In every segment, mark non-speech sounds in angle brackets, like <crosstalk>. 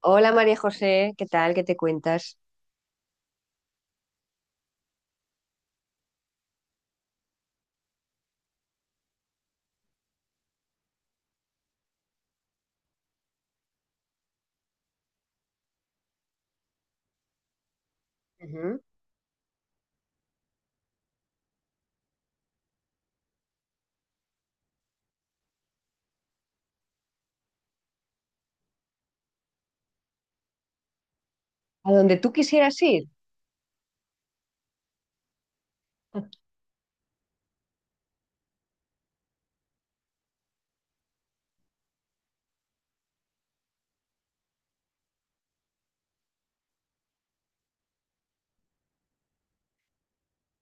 Hola María José, ¿qué tal? ¿Qué te cuentas? Ujú. ¿A donde tú quisieras ir? <laughs>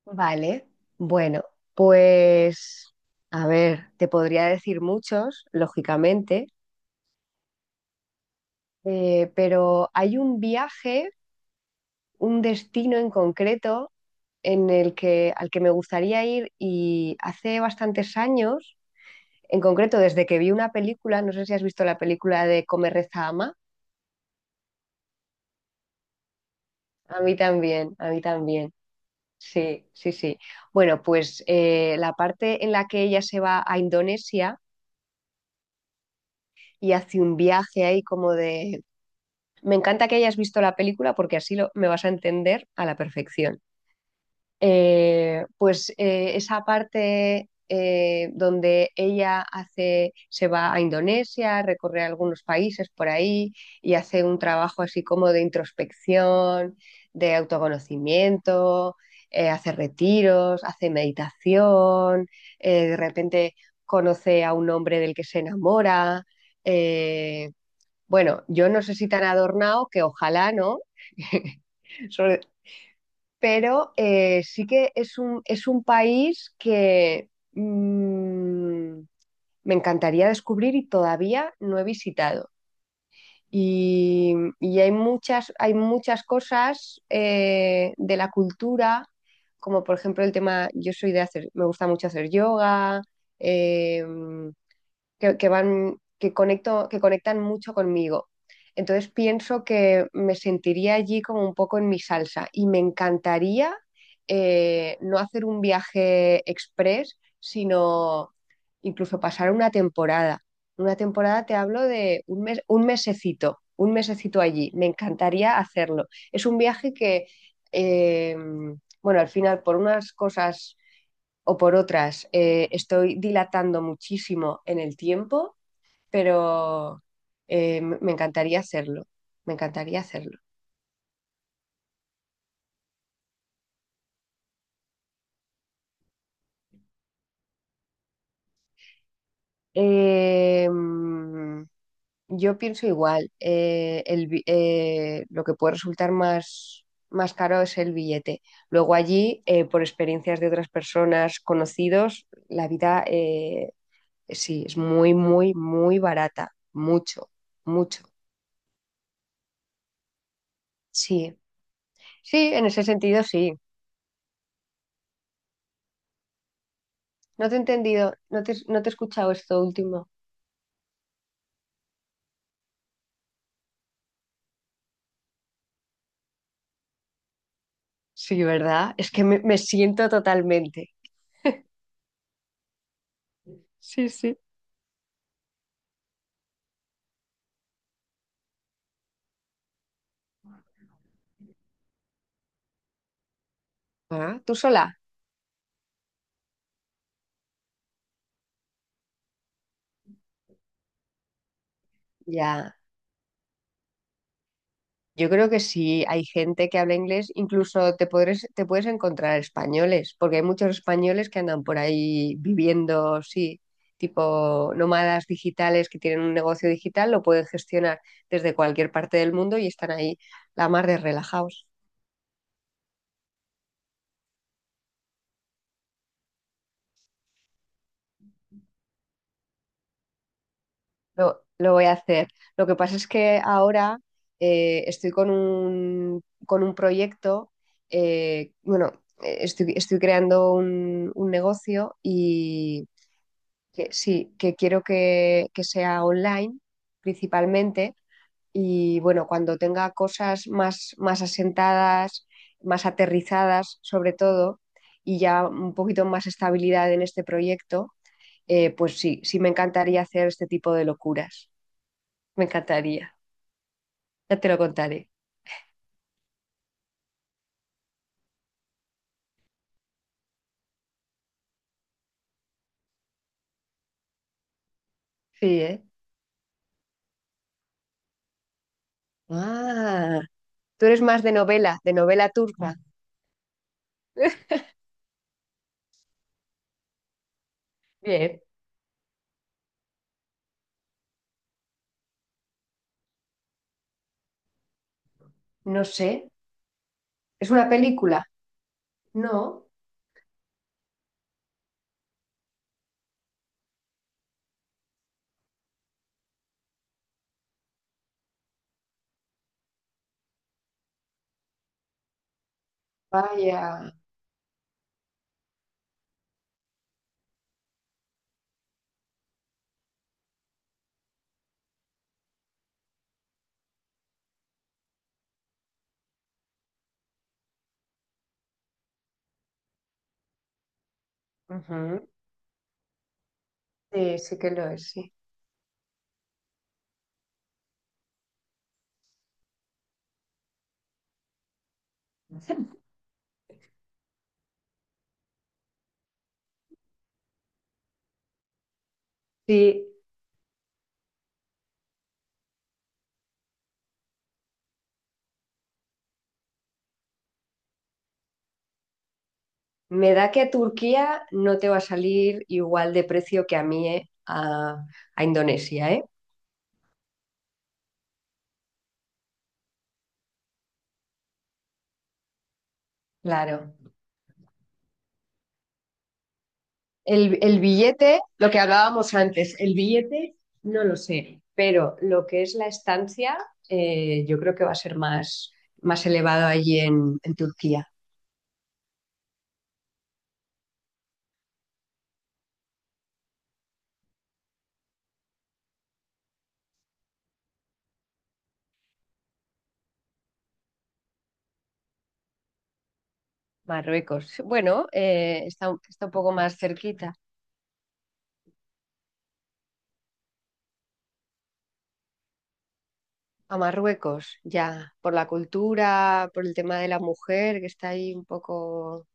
Vale, bueno, pues a ver, te podría decir muchos, lógicamente, pero hay un viaje, un destino en concreto en al que me gustaría ir, y hace bastantes años, en concreto desde que vi una película. No sé si has visto la película de Come, reza, ama, a mí también, a mí también. Sí, sí, sí. Bueno, pues la parte en la que ella se va a Indonesia y hace un viaje ahí como de... Me encanta que hayas visto la película porque me vas a entender a la perfección. Esa parte donde se va a Indonesia, recorre algunos países por ahí y hace un trabajo así como de introspección, de autoconocimiento. Hace retiros, hace meditación. De repente conoce a un hombre del que se enamora. eh, bueno, yo no sé, si tan adornado que ojalá, ¿no? <laughs> Sobre- pero sí que es un país que me encantaría descubrir y todavía no he visitado. Y, y hay muchas cosas de la cultura, como por ejemplo el tema, yo soy de hacer, me gusta mucho hacer yoga. eh, que van, que que conectan mucho conmigo. Entonces pienso que me sentiría allí como un poco en mi salsa, y me encantaría, no hacer un viaje express, sino incluso pasar una temporada. Una temporada te hablo de un mes, un mesecito allí. Me encantaría hacerlo. Es un viaje que, eh, bueno, al final por unas cosas o por otras, estoy dilatando muchísimo en el tiempo, pero me encantaría hacerlo, me encantaría hacerlo. Eh, mm, yo pienso igual. Lo que puede resultar más, más caro es el billete. Luego allí, por experiencias de otras personas conocidos, la vida sí, es muy, muy, muy barata, mucho, mucho. Sí, sí, en ese sentido sí. No te he entendido, no te he escuchado esto último. Sí, ¿verdad? Es que me siento totalmente. Sí, sí. Ah, ¿tú sola? Ya. Yo creo que sí, hay gente que habla inglés, incluso te puedes encontrar españoles, porque hay muchos españoles que andan por ahí viviendo, sí, tipo nómadas digitales que tienen un negocio digital, lo pueden gestionar desde cualquier parte del mundo, y están ahí la mar de relajados. Lo voy a hacer. Lo que pasa es que ahora estoy con con un proyecto. eh, bueno, estoy creando un negocio, y que, sí, que quiero que sea online principalmente. Y bueno, cuando tenga cosas más, más asentadas, más aterrizadas sobre todo, y ya un poquito más estabilidad en este proyecto, pues sí, sí me encantaría hacer este tipo de locuras. Me encantaría. Ya te lo contaré. Sí, ¿eh? Ah, tú eres más de novela turca. <laughs> Bien. No sé. ¿Es una película? No. Vaya. Ujú. Sí, sí que lo es, sí. Sí, me da que a Turquía no te va a salir igual de precio que a mí, ¿eh? A Indonesia, ¿eh? Claro. El billete, lo que hablábamos antes, el billete no lo sé, pero lo que es la estancia, yo creo que va a ser más, más elevado allí en Turquía. Marruecos. Bueno, está un poco más cerquita a Marruecos, ya, por la cultura, por el tema de la mujer, que está ahí un poco...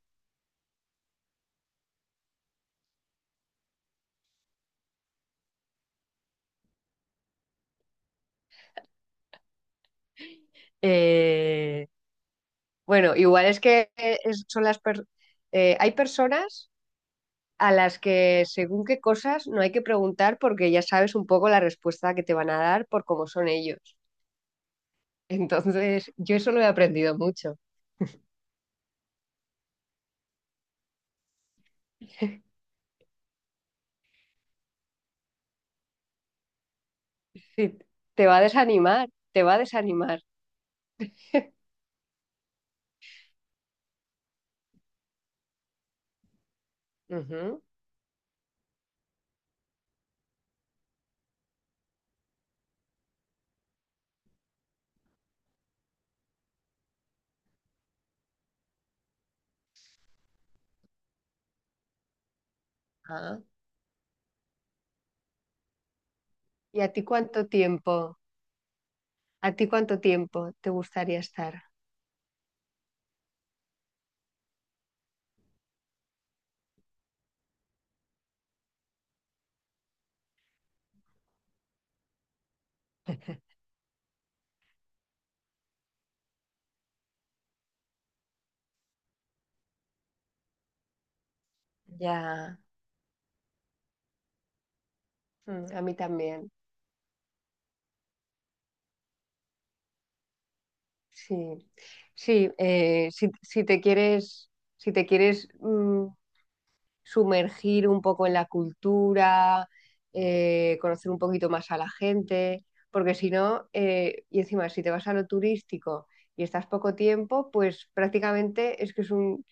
eh, bueno, igual es que son las... hay personas a las que según qué cosas no hay que preguntar, porque ya sabes un poco la respuesta que te van a dar por cómo son ellos. Entonces, yo eso lo he aprendido mucho. <laughs> Sí, te va a desanimar, te va a desanimar. <laughs> Ujú. Ah, ¿y a ti cuánto tiempo? ¿A ti cuánto tiempo te gustaría estar? Ya. Mm, a mí también. Sí, sí, si te quieres, si te quieres sumergir un poco en la cultura, conocer un poquito más a la gente, porque si no, y encima, si te vas a lo turístico y estás poco tiempo, pues prácticamente es que es un...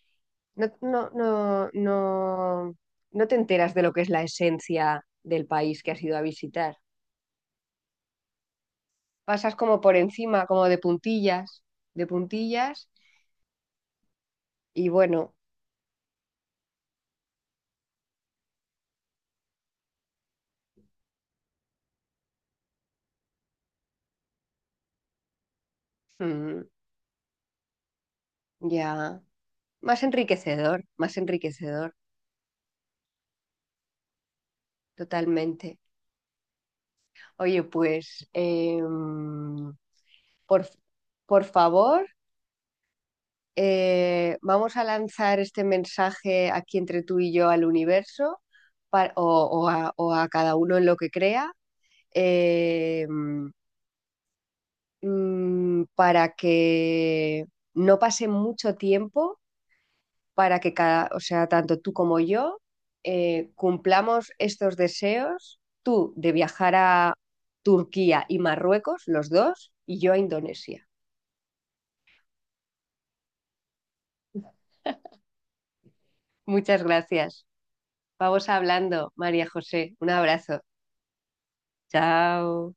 No, no, no, no, no te enteras de lo que es la esencia del país que has ido a visitar. Pasas como por encima, como de puntillas, y bueno, mm, ya, más enriquecedor, totalmente. Oye, pues por, por favor, vamos a lanzar este mensaje aquí entre tú y yo al universo, pa- o, o a cada uno en lo que crea, em, para que no pase mucho tiempo, para que cada, o sea, tanto tú como yo, cumplamos estos deseos, tú de viajar a Turquía y Marruecos, los dos, y yo a Indonesia. Muchas gracias. Vamos hablando, María José. Un abrazo. Chao.